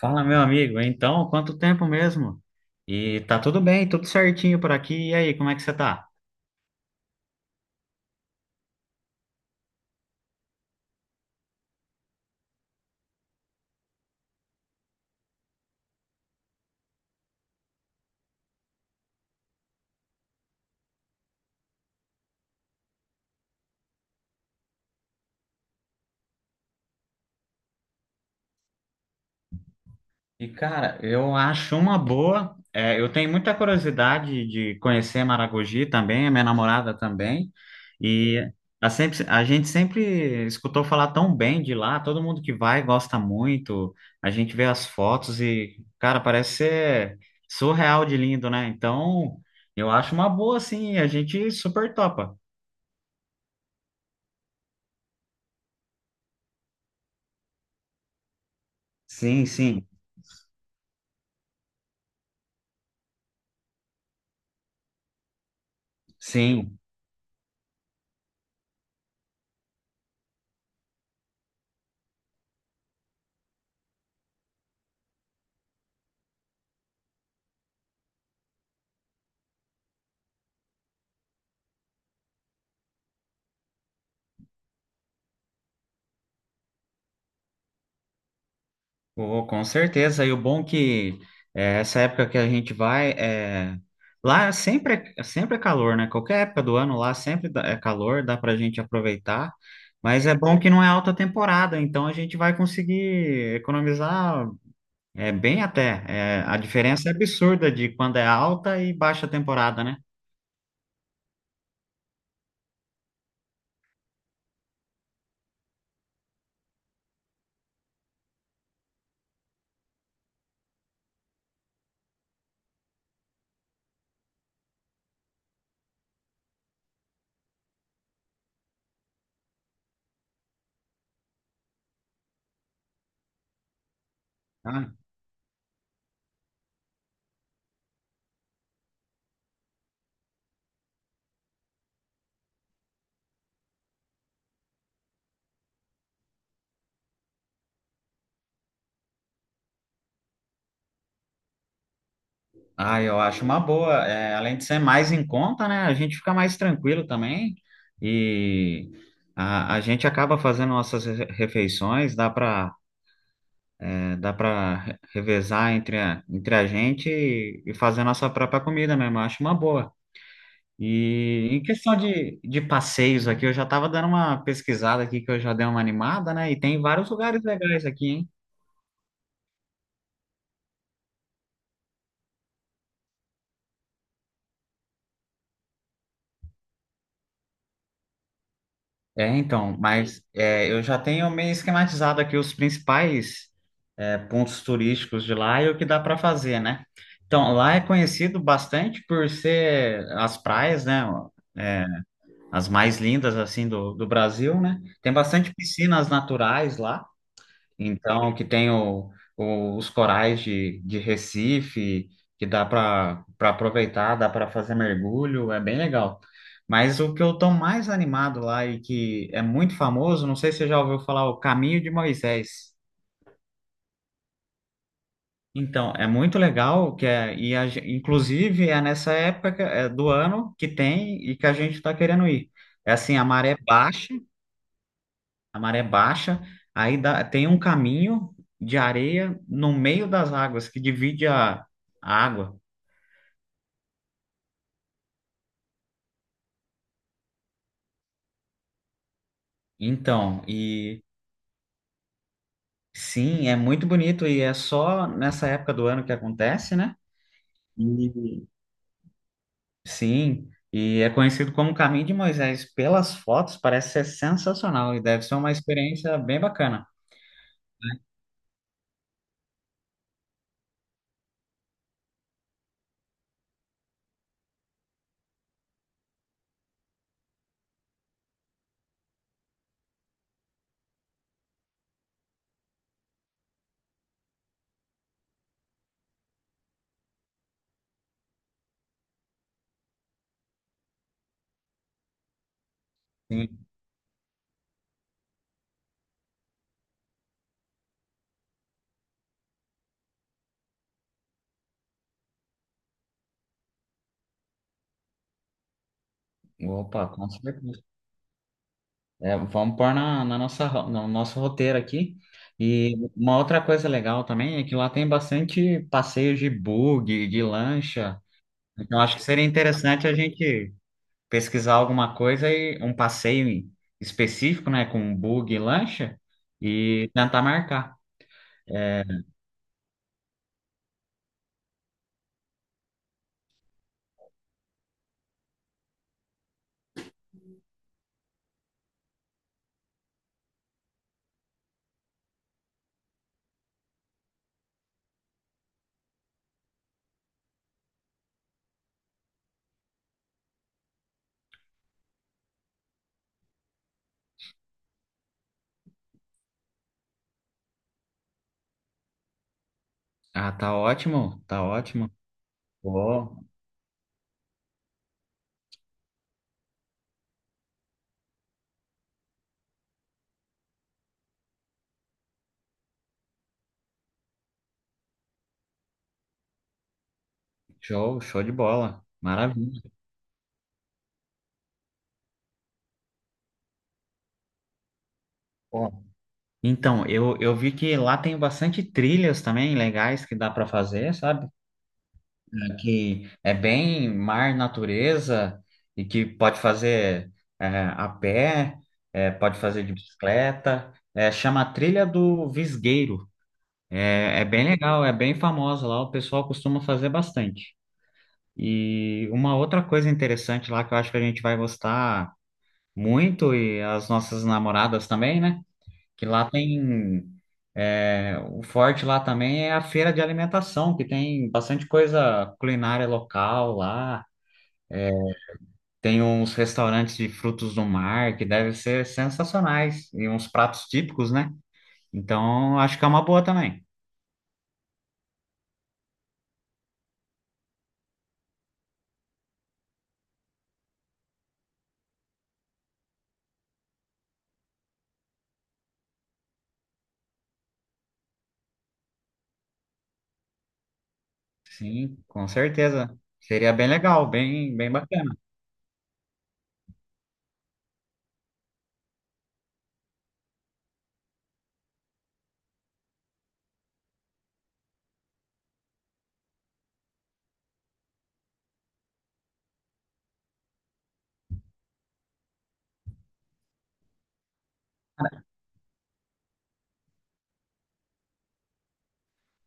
Fala, meu amigo. Então, quanto tempo mesmo? E tá tudo bem, tudo certinho por aqui. E aí, como é que você tá? E cara, eu acho uma boa. É, eu tenho muita curiosidade de conhecer Maragogi também, a minha namorada também. E a gente sempre escutou falar tão bem de lá, todo mundo que vai gosta muito. A gente vê as fotos e, cara, parece ser surreal de lindo, né? Eu acho uma boa, sim, a gente super topa. Sim, sim. Sim, pô, com certeza. E o bom que essa época que a gente vai, lá sempre é calor, né? Qualquer época do ano lá é calor, dá para a gente aproveitar. Mas é bom que não é alta temporada, então a gente vai conseguir economizar bem até. É, a diferença é absurda de quando é alta e baixa temporada, né? Ah, Ah, eu acho uma boa. É, além de ser mais em conta, né? A gente fica mais tranquilo também e a gente acaba fazendo nossas refeições, dá para dá para revezar entre a gente e fazer nossa própria comida mesmo. Eu acho uma boa. E em questão de passeios aqui, eu já estava dando uma pesquisada aqui que eu já dei uma animada, né? E tem vários lugares legais aqui, hein? Então, eu já tenho meio esquematizado aqui os principais pontos turísticos de lá e o que dá para fazer, né? Então, lá é conhecido bastante por ser as praias, né? As mais lindas, assim, do Brasil, né? Tem bastante piscinas naturais lá. Então, que tem o- Os corais de Recife, que dá para aproveitar, dá para fazer mergulho, é bem legal. Mas o que eu estou mais animado lá e que é muito famoso, não sei se você já ouviu falar, o Caminho de Moisés. Então, é muito legal, que é, e a gen- inclusive é nessa época do ano que tem e que a gente está querendo ir. É assim, a maré é baixa, tem um caminho de areia no meio das águas que divide a água. Então, e sim, é muito bonito e é só nessa época do ano que acontece, né? E sim, e é conhecido como Caminho de Moisés. Pelas fotos, parece ser sensacional e deve ser uma experiência bem bacana. Sim. Opa, com certeza. É, vamos pôr na nossa, no nosso roteiro aqui. E uma outra coisa legal também é que lá tem bastante passeios de bug, de lancha. Então acho que seria interessante a gente pesquisar alguma coisa e um passeio específico, né, com bug e lancha e tentar marcar. É, ah, tá ótimo, tá ótimo. Pô, show, show de bola. Maravilha. Pô. Então, eu vi que lá tem bastante trilhas também legais que dá para fazer, sabe? Que é bem mar, natureza, e que pode fazer é, a pé, pode fazer de bicicleta, chama a Trilha do Visgueiro. É, é bem legal, é bem famosa lá, o pessoal costuma fazer bastante. E uma outra coisa interessante lá que eu acho que a gente vai gostar muito, e as nossas namoradas também, né? Que lá tem. O forte lá também é a feira de alimentação, que tem bastante coisa culinária local lá. Tem uns restaurantes de frutos do mar que devem ser sensacionais e uns pratos típicos, né? Então, acho que é uma boa também. Sim, com certeza. Seria bem legal, bem, bem bacana.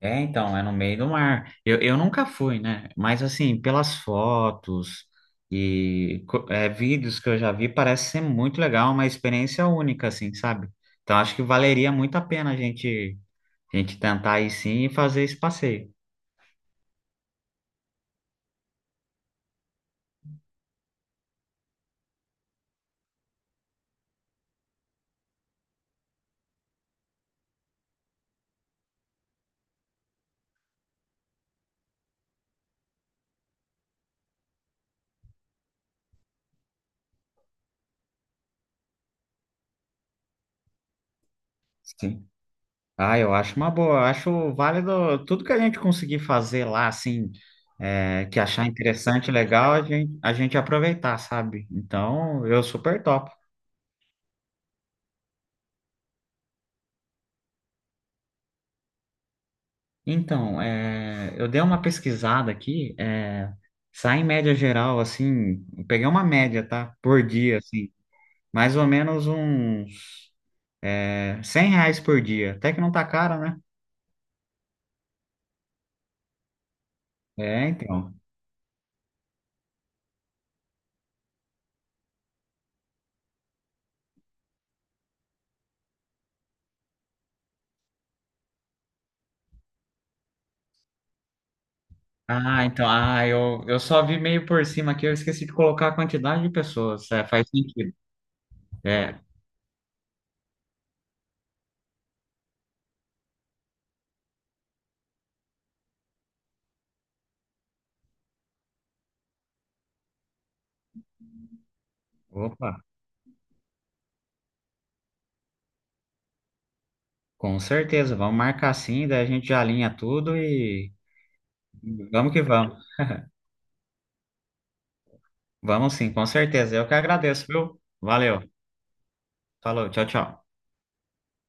É, então, é no meio do mar. Eu nunca fui, né? Mas, assim, pelas fotos e vídeos que eu já vi, parece ser muito legal, uma experiência única, assim, sabe? Então, acho que valeria muito a pena a gente tentar ir sim e fazer esse passeio. Sim. Ah, eu acho uma boa, eu acho válido tudo que a gente conseguir fazer lá, assim, que achar interessante, legal, a gente aproveitar, sabe? Então, eu super topo. Então, eu dei uma pesquisada aqui, sai em média geral, assim, eu peguei uma média, tá? Por dia, assim, mais ou menos uns R$ 100 por dia, até que não tá caro, né? É, então. Ah, então, ah, eu só vi meio por cima aqui, eu esqueci de colocar a quantidade de pessoas, é, faz sentido. É, opa, com certeza. Vamos marcar sim, daí a gente já alinha tudo e vamos que vamos. Vamos sim, com certeza. Eu que agradeço, viu? Valeu. Falou, tchau, tchau.